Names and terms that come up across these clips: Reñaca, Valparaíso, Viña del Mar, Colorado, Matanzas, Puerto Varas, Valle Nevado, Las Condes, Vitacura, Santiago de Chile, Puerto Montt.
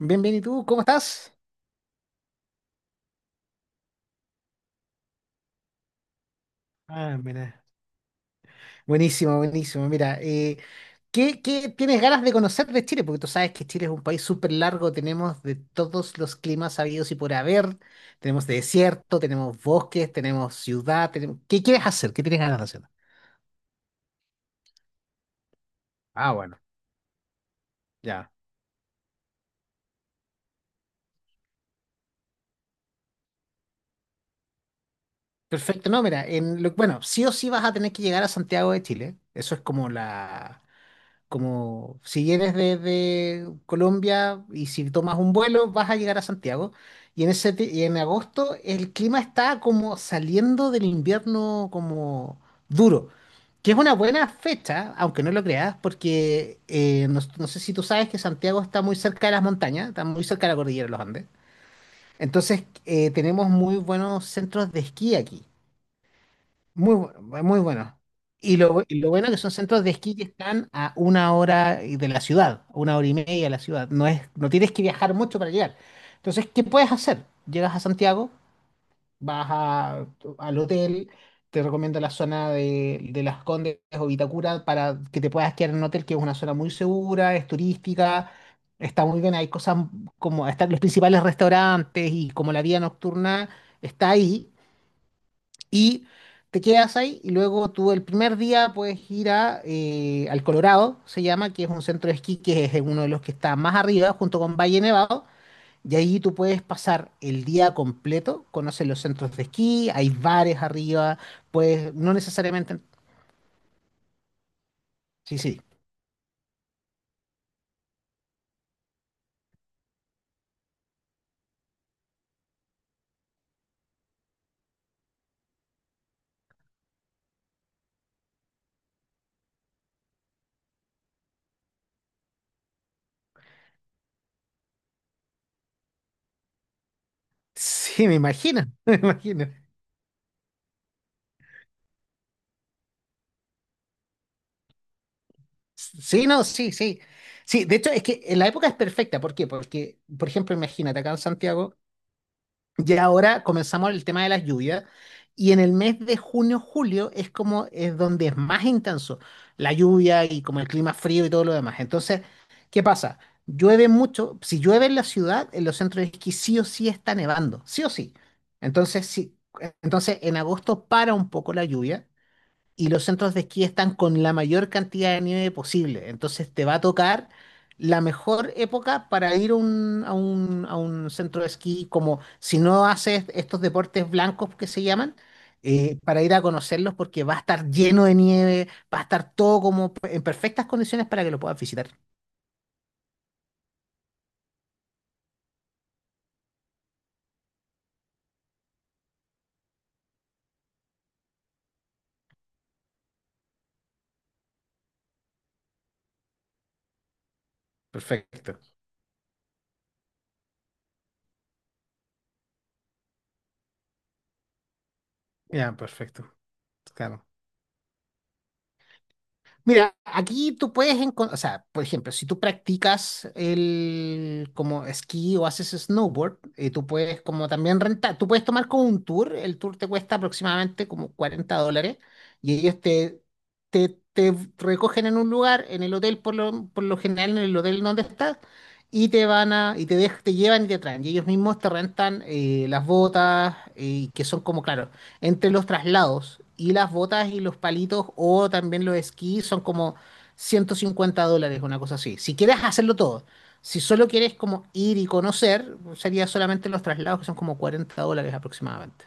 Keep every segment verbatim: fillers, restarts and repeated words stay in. Bien, bien, ¿y tú? ¿Cómo estás? Ah, mira. Buenísimo, buenísimo. Mira, eh, ¿qué, qué tienes ganas de conocer de Chile? Porque tú sabes que Chile es un país súper largo, tenemos de todos los climas habidos y por haber, tenemos desierto, tenemos bosques, tenemos ciudad, tenemos. ¿Qué quieres hacer? ¿Qué tienes ganas de hacer? Ah, bueno, ya. Perfecto, no, mira, en lo- bueno, sí o sí vas a tener que llegar a Santiago de Chile, eso es como la, Como si eres desde Colombia y si tomas un vuelo vas a llegar a Santiago. Y en ese ti- y en agosto el clima está como saliendo del invierno como duro, que es una buena fecha, aunque no lo creas, porque eh, no, no sé si tú sabes que Santiago está muy cerca de las montañas, está muy cerca de la cordillera de los Andes. Entonces eh, tenemos muy buenos centros de esquí aquí. Muy bueno, muy bueno. Y lo, y lo bueno que son centros de esquí que están a una hora y de la ciudad, a una hora y media de la ciudad. No es, no tienes que viajar mucho para llegar. Entonces, ¿qué puedes hacer? Llegas a Santiago, vas a- al hotel, te recomiendo la zona de, de Las Condes o Vitacura para que te puedas quedar en un hotel que es una zona muy segura, es turística, está muy bien, hay cosas como están los principales restaurantes y como la vida nocturna está ahí y te quedas ahí y luego tú el primer día puedes ir a, eh, al Colorado, se llama, que es un centro de esquí que es uno de los que está más arriba junto con Valle Nevado. Y ahí tú puedes pasar el día completo, conoces los centros de esquí, hay bares arriba, pues no necesariamente. Sí, sí. Sí, me imagino, me imagino. Sí, no, sí, sí. Sí, de hecho es que en la época es perfecta. ¿Por qué? Porque, por ejemplo, imagínate acá en Santiago. Y ahora comenzamos el tema de las lluvias. Y en el mes de junio, julio es como es donde es más intenso la lluvia y como el clima frío y todo lo demás. Entonces, ¿qué pasa? Llueve mucho. Si llueve en la ciudad, en los centros de esquí sí o sí está nevando, sí o sí. Entonces, sí, entonces en agosto para un poco la lluvia y los centros de esquí están con la mayor cantidad de nieve posible. Entonces te va a tocar la mejor época para ir a un, a un, a un centro de esquí, como si no haces estos deportes blancos que se llaman, eh, para ir a conocerlos porque va a estar lleno de nieve, va a estar todo como en perfectas condiciones para que lo puedas visitar. Perfecto. Ya, perfecto. Claro. Mira, aquí tú puedes encontrar, o sea, por ejemplo, si tú practicas el como esquí o haces snowboard, eh, tú puedes como también rentar, tú puedes tomar como un tour, el tour te cuesta aproximadamente como cuarenta dólares y ellos te, te, te recogen en un lugar, en el hotel por lo, por lo general, en el hotel donde estás, y te van a, y te, dej- te llevan y te traen, y ellos mismos te rentan eh, las botas, eh, que son como, claro, entre los traslados y las botas y los palitos o también los esquís son como ciento cincuenta dólares, una cosa así. Si quieres hacerlo todo, si solo quieres como ir y conocer, sería solamente los traslados que son como cuarenta dólares aproximadamente.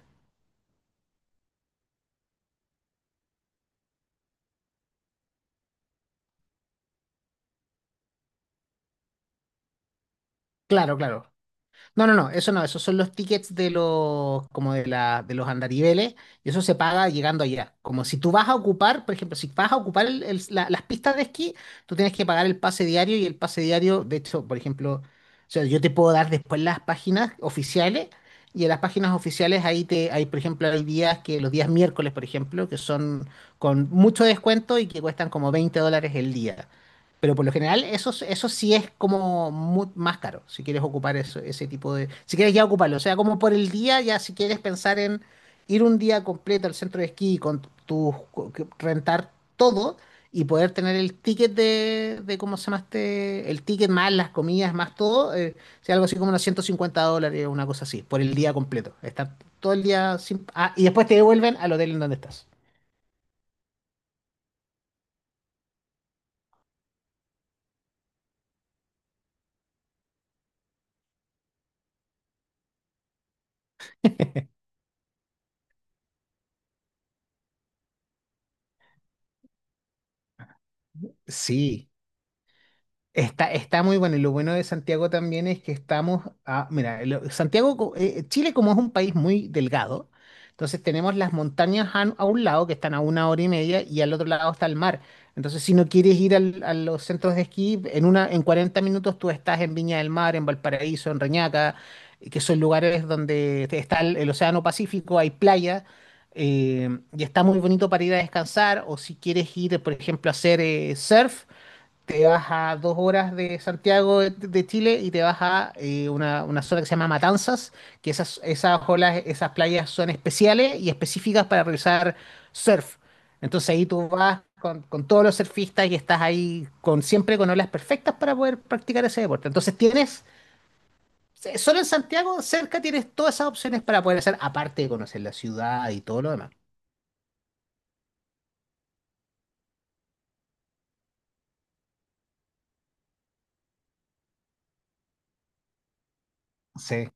Claro, claro. No, no, no, eso no, esos son los tickets de los, como de la, de los andariveles, y eso se paga llegando allá. Como si tú vas a ocupar, por ejemplo, si vas a ocupar el- el- la- las pistas de esquí, tú tienes que pagar el pase diario y el pase diario, de hecho, por ejemplo, o sea, yo te puedo dar después las páginas oficiales, y en las páginas oficiales ahí te, hay, por ejemplo, hay días que, los días miércoles, por ejemplo, que son con mucho descuento y que cuestan como veinte dólares el día. Pero por lo general, eso, eso sí es como mu- más caro, si quieres ocupar eso, ese tipo de. Si quieres ya ocuparlo, o sea, como por el día, ya si quieres pensar en ir un día completo al centro de esquí con tu, co- que- rentar todo y poder tener el ticket de, de ¿cómo se llama este? El ticket más las comidas, más todo, eh, sea algo así como unos ciento cincuenta dólares, una cosa así, por el día completo. Estar todo el día sin. Ah, y después te devuelven al hotel en donde estás. Sí. Está, está muy bueno y lo bueno de Santiago también es que estamos a, mira, lo- Santiago, co- eh, Chile como es un país muy delgado, entonces tenemos las montañas a, a un lado que están a una hora y media y al otro lado está el mar. Entonces si no quieres ir al- a los centros de esquí, en una, en cuarenta minutos tú estás en Viña del Mar, en Valparaíso, en Reñaca, eh, que son lugares donde te- está el, el Océano Pacífico, hay playa. Eh, y está muy bonito para ir a descansar o si quieres ir, por ejemplo, a hacer eh, surf, te vas a dos horas de Santiago de, de Chile y te vas a eh, una, una zona que se llama Matanzas, que esas, esas olas, esas playas son especiales y específicas para realizar surf. Entonces ahí tú vas con, con todos los surfistas y estás ahí con, siempre con olas perfectas para poder practicar ese deporte. Entonces tienes, se- solo en Santiago, cerca tienes todas esas opciones para poder hacer, aparte de conocer la ciudad y todo lo demás. Sí.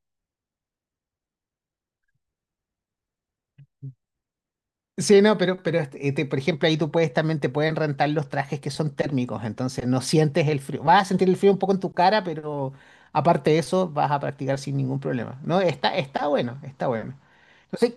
Sí, no, pero, pero este, este, por ejemplo, ahí tú puedes también te pueden rentar los trajes que son térmicos, entonces no sientes el frío. Vas a sentir el frío un poco en tu cara, pero aparte de eso, vas a practicar sin ningún problema. No, está, está bueno, está bueno. Entonces,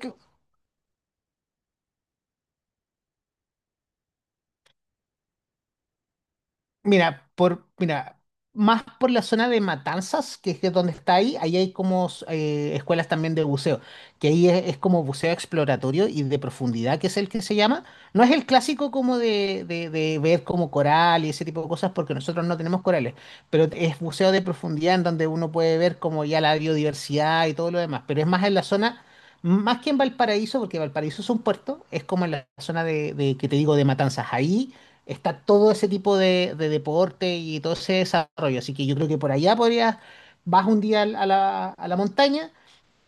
Mira, por, mira, más por la zona de Matanzas, que es de donde está ahí, ahí hay como eh, escuelas también de buceo, que ahí es, es como buceo exploratorio y de profundidad, que es el que se llama. No es el clásico como de, de- de ver como coral y ese tipo de cosas, porque nosotros no tenemos corales, pero es buceo de profundidad en donde uno puede ver como ya la biodiversidad y todo lo demás, pero es más en la zona, más que en Valparaíso, porque Valparaíso es un puerto, es como en la zona de, de que te digo, de Matanzas, ahí está todo ese tipo de, de deporte y todo ese desarrollo. Así que yo creo que por allá podrías, vas un día al- a la, a la montaña,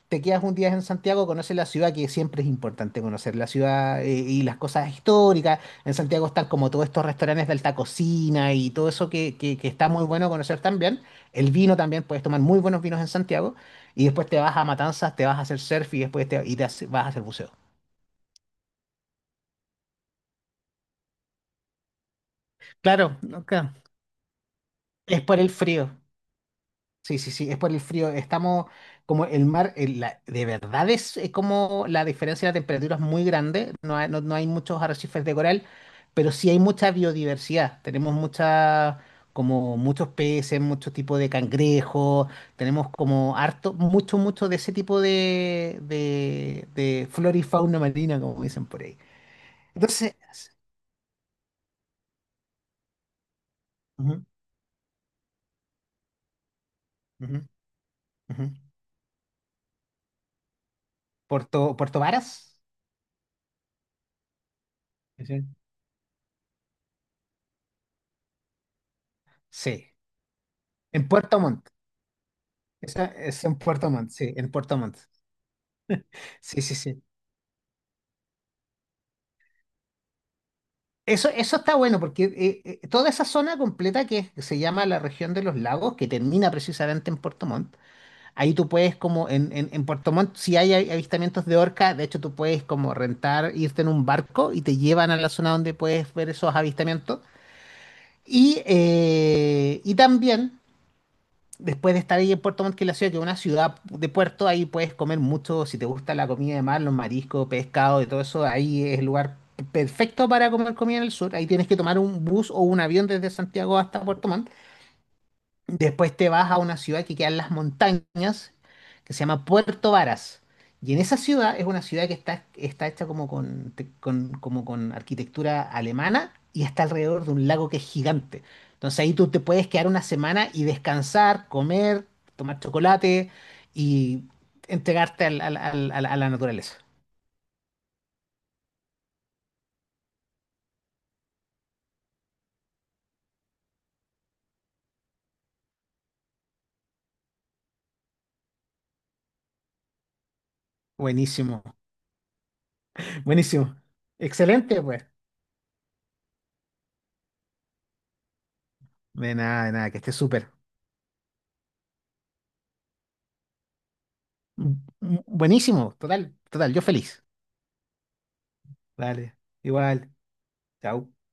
te quedas un día en Santiago, conoces la ciudad, que siempre es importante conocer la ciudad, eh, y las cosas históricas. En Santiago están como todos estos restaurantes de alta cocina y todo eso que, que, que está muy bueno conocer también. El vino también, puedes tomar muy buenos vinos en Santiago. Y después te vas a Matanzas, te vas a hacer surf y después te, y te hace- vas a hacer buceo. Claro, no, claro. Es por el frío. Sí, sí, sí, es por el frío. Estamos como el mar, el- la- de verdad es, es como la diferencia de temperatura es muy grande. No hay, no, no hay muchos arrecifes de coral, pero sí hay mucha biodiversidad. Tenemos mucha, como muchos peces, muchos tipos de cangrejos. Tenemos como harto, mucho, mucho de ese tipo de, de, de flora y fauna marina, como dicen por ahí. Entonces, ujú, ujú, ujú. Puerto, Puerto Varas, sí, sí, sí. En Puerto Montt. Esa es en Puerto Montt, sí, en Puerto Montt. Sí, sí, sí. Eso, eso está bueno porque eh, eh, toda esa zona completa que se llama la región de los lagos, que termina precisamente en Puerto Montt, ahí tú puedes como en, en, en Puerto Montt, si hay avi- avistamientos de orca, de hecho tú puedes como rentar, irte en un barco y te llevan a la zona donde puedes ver esos avistamientos. Y, eh, y también después de estar ahí en Puerto Montt, que es la ciudad, que es una ciudad de puerto, ahí puedes comer mucho, si te gusta la comida de mar, los mariscos, pescado y todo eso, ahí es el lugar perfecto para comer comida en el sur. Ahí tienes que tomar un bus o un avión desde Santiago hasta Puerto Montt. Después te vas a una ciudad que queda en las montañas, que se llama Puerto Varas. Y en esa ciudad es una ciudad que está, está hecha como con, te- con- como con arquitectura alemana y está alrededor de un lago que es gigante. Entonces ahí tú te puedes quedar una semana y descansar, comer, tomar chocolate y entregarte al- al- al- al- a la naturaleza. Buenísimo, buenísimo. Excelente, pues. De nada, de nada, que esté súper. Bu- Buenísimo, total, total, yo feliz. Dale, igual. Chau.